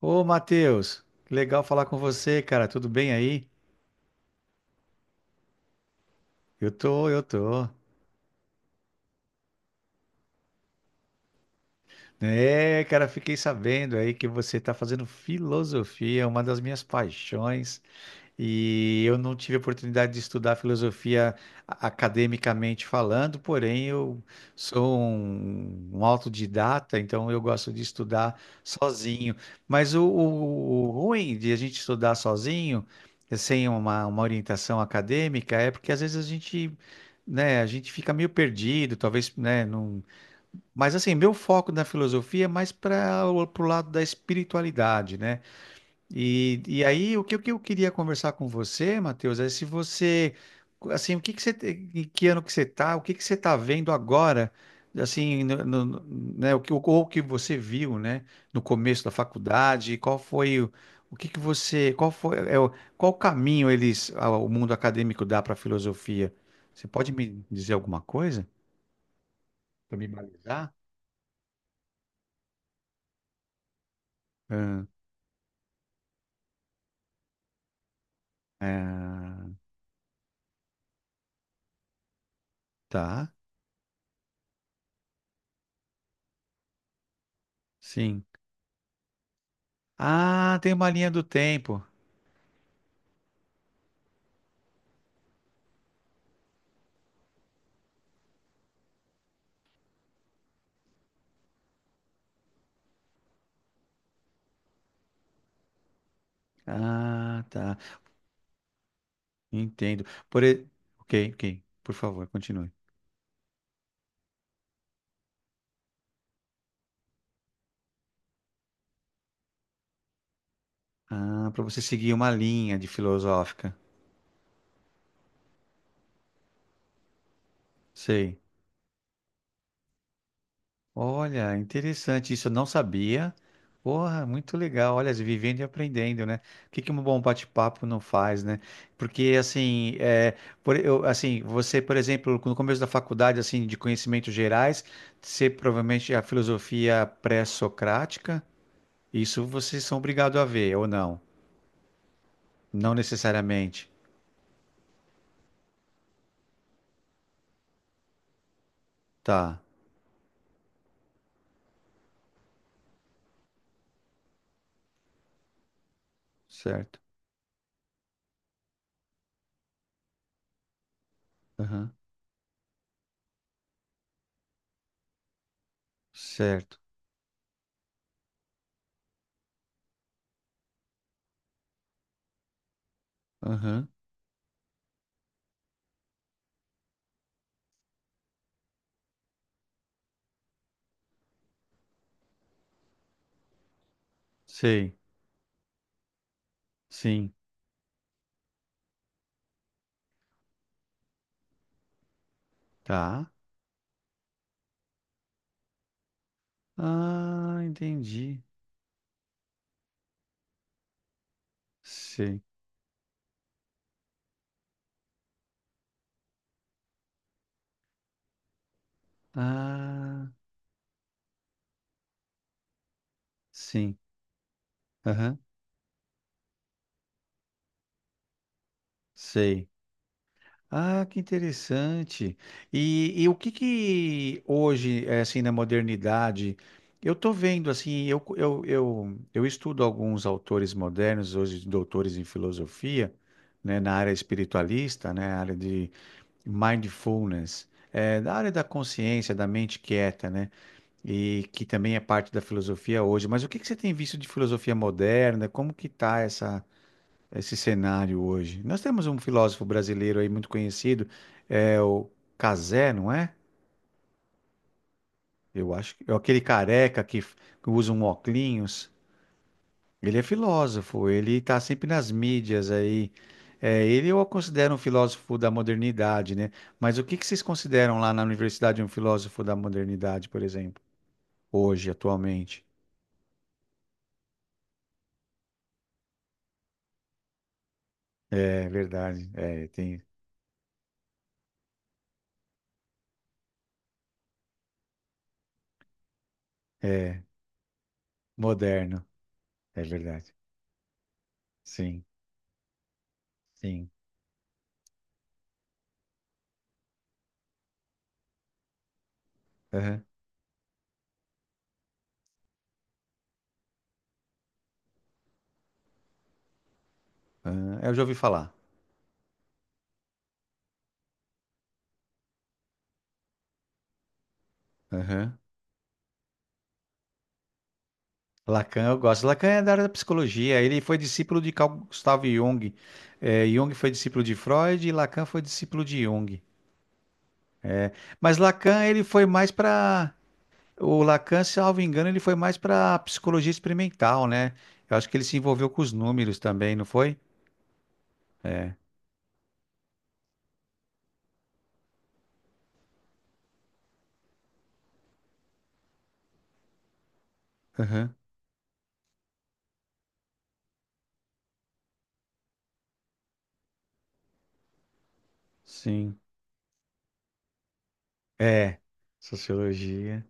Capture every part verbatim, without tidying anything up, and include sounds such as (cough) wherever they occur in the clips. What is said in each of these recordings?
Ô, Matheus, que legal falar com você, cara. Tudo bem aí? Eu tô, eu tô. É, cara, fiquei sabendo aí que você tá fazendo filosofia, uma das minhas paixões. E eu não tive a oportunidade de estudar filosofia a- academicamente falando, porém eu sou um, um autodidata, então eu gosto de estudar sozinho. Mas o, o- o ruim de a gente estudar sozinho, eh, sem uma, uma orientação acadêmica, é porque às vezes a gente, né, a gente fica meio perdido, talvez, né, não... Mas assim, meu foco na filosofia é mais para o pro lado da espiritualidade, né? E, e aí, o que, o que eu queria conversar com você, Matheus, é se você, assim, o que que você, te- em que ano que você tá, o que que você tá vendo agora, assim, no, no- no- né, o que, ou o que você viu, né, no começo da faculdade, qual foi, o, o que que você, qual foi, é, é o- qual caminho eles, a- o mundo acadêmico dá para a filosofia? Você pode me dizer alguma coisa? Para me balizar? Ah, ah, tá, sim. Ah, tem uma linha do tempo. Ah, tá. Entendo. Por... e- Ok, ok. Por favor, continue. Ah, para você seguir uma linha de filosófica. Sei. Olha, interessante. Isso eu não sabia. Porra, muito legal. Olha, vivendo e aprendendo, né? O que que um bom bate-papo não faz, né? Porque, assim, é, por, eu, assim, você, por exemplo, no começo da faculdade, assim, de conhecimentos gerais, você provavelmente a filosofia pré-socrática, isso vocês são obrigados a ver, ou não? Não necessariamente. Tá, certo. Aham, certo. Aham, sei. Sim, tá. Ah, entendi. Sei. Ah, sim. Aham, sei. Ah, que interessante. E, e o que que hoje, eh, assim, na modernidade, eu tô vendo, assim, eu, eu, eu, eu estudo alguns autores modernos, hoje doutores em filosofia, né, na área espiritualista, né, área de mindfulness, eh, da área da consciência, da mente quieta, né? E que também é parte da filosofia hoje. Mas o que que você tem visto de filosofia moderna? Como que está essa, esse cenário hoje? Nós temos um filósofo brasileiro aí muito conhecido, é o Cazé, não é? Eu acho que é aquele careca que, f- que usa um óculos. Ele é filósofo, ele está sempre nas mídias aí. É, ele eu considero um filósofo da modernidade, né? Mas o que que vocês consideram lá na universidade um filósofo da modernidade, por exemplo, hoje, atualmente? É verdade. É, tem, É, moderno, é verdade. Sim, sim. Aham, aham. É, Eu já ouvi falar. Aham. Lacan, eu gosto. Lacan é da área da psicologia. Ele foi discípulo de Carl Gustav Jung. É, Jung foi discípulo de Freud e Lacan foi discípulo de Jung. É, mas Lacan, ele foi mais para. O Lacan, salvo engano, ele foi mais para psicologia experimental, né? Eu acho que ele se envolveu com os números também, não foi? É. Aham. Sim. É. Sociologia.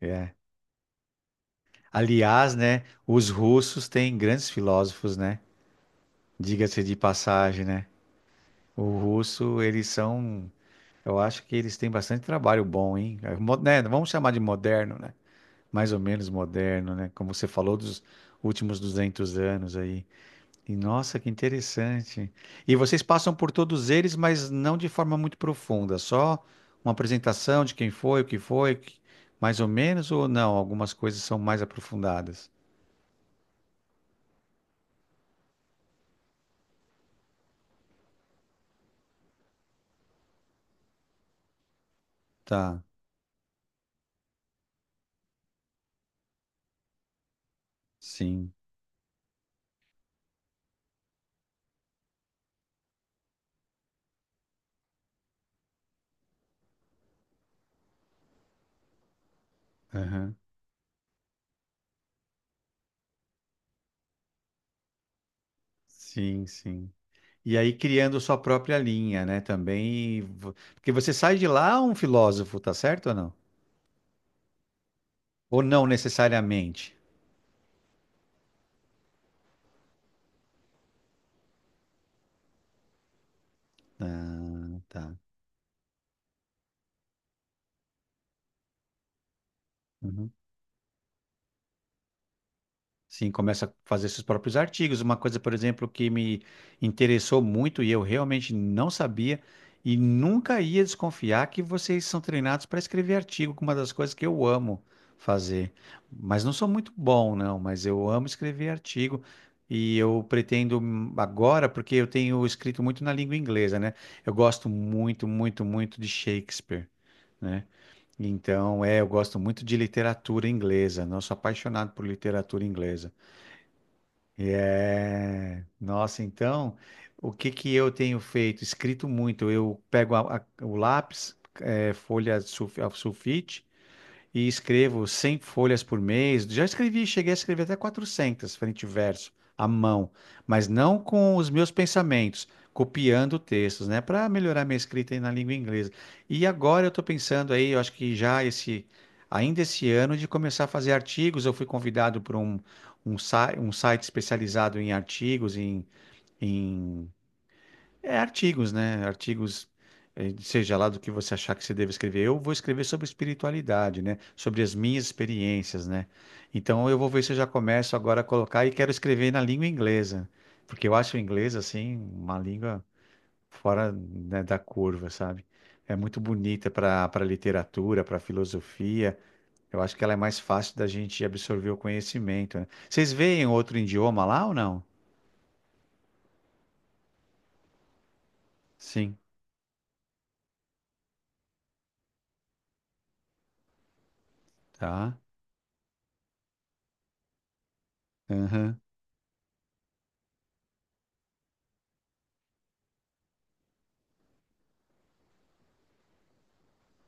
É. Aliás, né, os russos têm grandes filósofos, né? Diga-se de passagem, né? O russo, eles são, eu acho que eles têm bastante trabalho bom, hein? É mo- né, vamos chamar de moderno, né? Mais ou menos moderno, né? Como você falou dos últimos duzentos anos aí. E nossa, que interessante. E vocês passam por todos eles, mas não de forma muito profunda, só uma apresentação de quem foi, o que foi, que- mais ou menos, ou não? Algumas coisas são mais aprofundadas. Tá, sim. Aham. Sim, sim. E aí criando sua própria linha, né? Também. vo- Porque você sai de lá um filósofo, tá certo ou não? Ou não necessariamente? Ah, tá. Uhum. Sim, começa a fazer seus próprios artigos. Uma coisa, por exemplo, que me interessou muito e eu realmente não sabia e nunca ia desconfiar que vocês são treinados para escrever artigo, que é uma das coisas que eu amo fazer. Mas não sou muito bom, não, mas eu amo escrever artigo e eu pretendo hum, agora, porque eu tenho escrito muito na língua inglesa, né? Eu gosto muito, muito, muito de Shakespeare, né? Então, é, eu gosto muito de literatura inglesa, né? eu sou apaixonado por literatura inglesa. Nossa, então, o que que eu tenho feito? Escrito muito. Eu pego a- a- o lápis, é, folha de sulf- a sulfite, e escrevo cem folhas por mês. Já escrevi, cheguei a escrever até quatrocentas frente e verso, à mão, mas não com os meus pensamentos, copiando textos, né, para melhorar minha escrita aí na língua inglesa. E agora eu estou pensando aí, eu acho que já esse, ainda esse ano, de começar a fazer artigos. Eu fui convidado por um, um, si- um site especializado em artigos, em é, artigos, né? Artigos, eh, seja lá do que você achar que você deve escrever. Eu vou escrever sobre espiritualidade, né? Sobre as minhas experiências, né? Então eu vou ver se eu já começo agora a colocar e quero escrever na língua inglesa, porque eu acho o inglês assim uma língua fora, né, da curva, sabe? É muito bonita para para literatura, para filosofia. Eu acho que ela é mais fácil da gente absorver o conhecimento, né? Vocês veem outro idioma lá ou não? Sim, tá. Aham,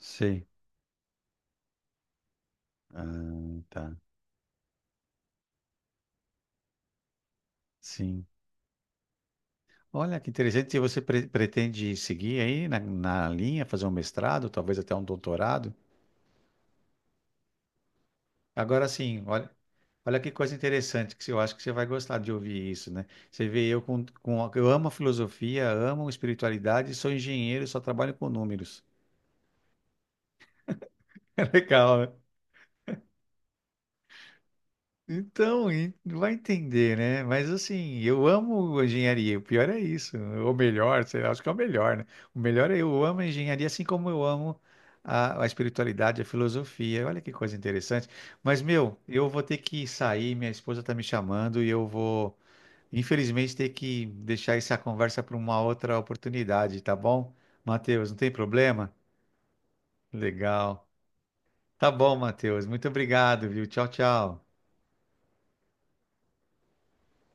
sei. Ah, tá. Sim. Olha que interessante. E você pre- pretende seguir aí na, na linha, fazer um mestrado, talvez até um doutorado? Agora sim, olha, olha que coisa interessante, que eu acho que você vai gostar de ouvir isso, né? Você vê eu com, com, eu amo a filosofia, amo espiritualidade, sou engenheiro, e só trabalho com números. (laughs) É legal, né? Então, e vai entender, né? Mas assim, eu amo engenharia. O pior é isso. Ou melhor, sei lá, acho que é o melhor, né? O melhor é eu amo a engenharia, assim como eu amo a, a espiritualidade, a filosofia. Olha que coisa interessante. Mas, meu, eu vou ter que sair, minha esposa tá me chamando e eu vou, infelizmente, ter que deixar essa conversa para uma outra oportunidade, tá bom? Matheus, não tem problema? Legal. Tá bom, Matheus. Muito obrigado, viu? Tchau, tchau.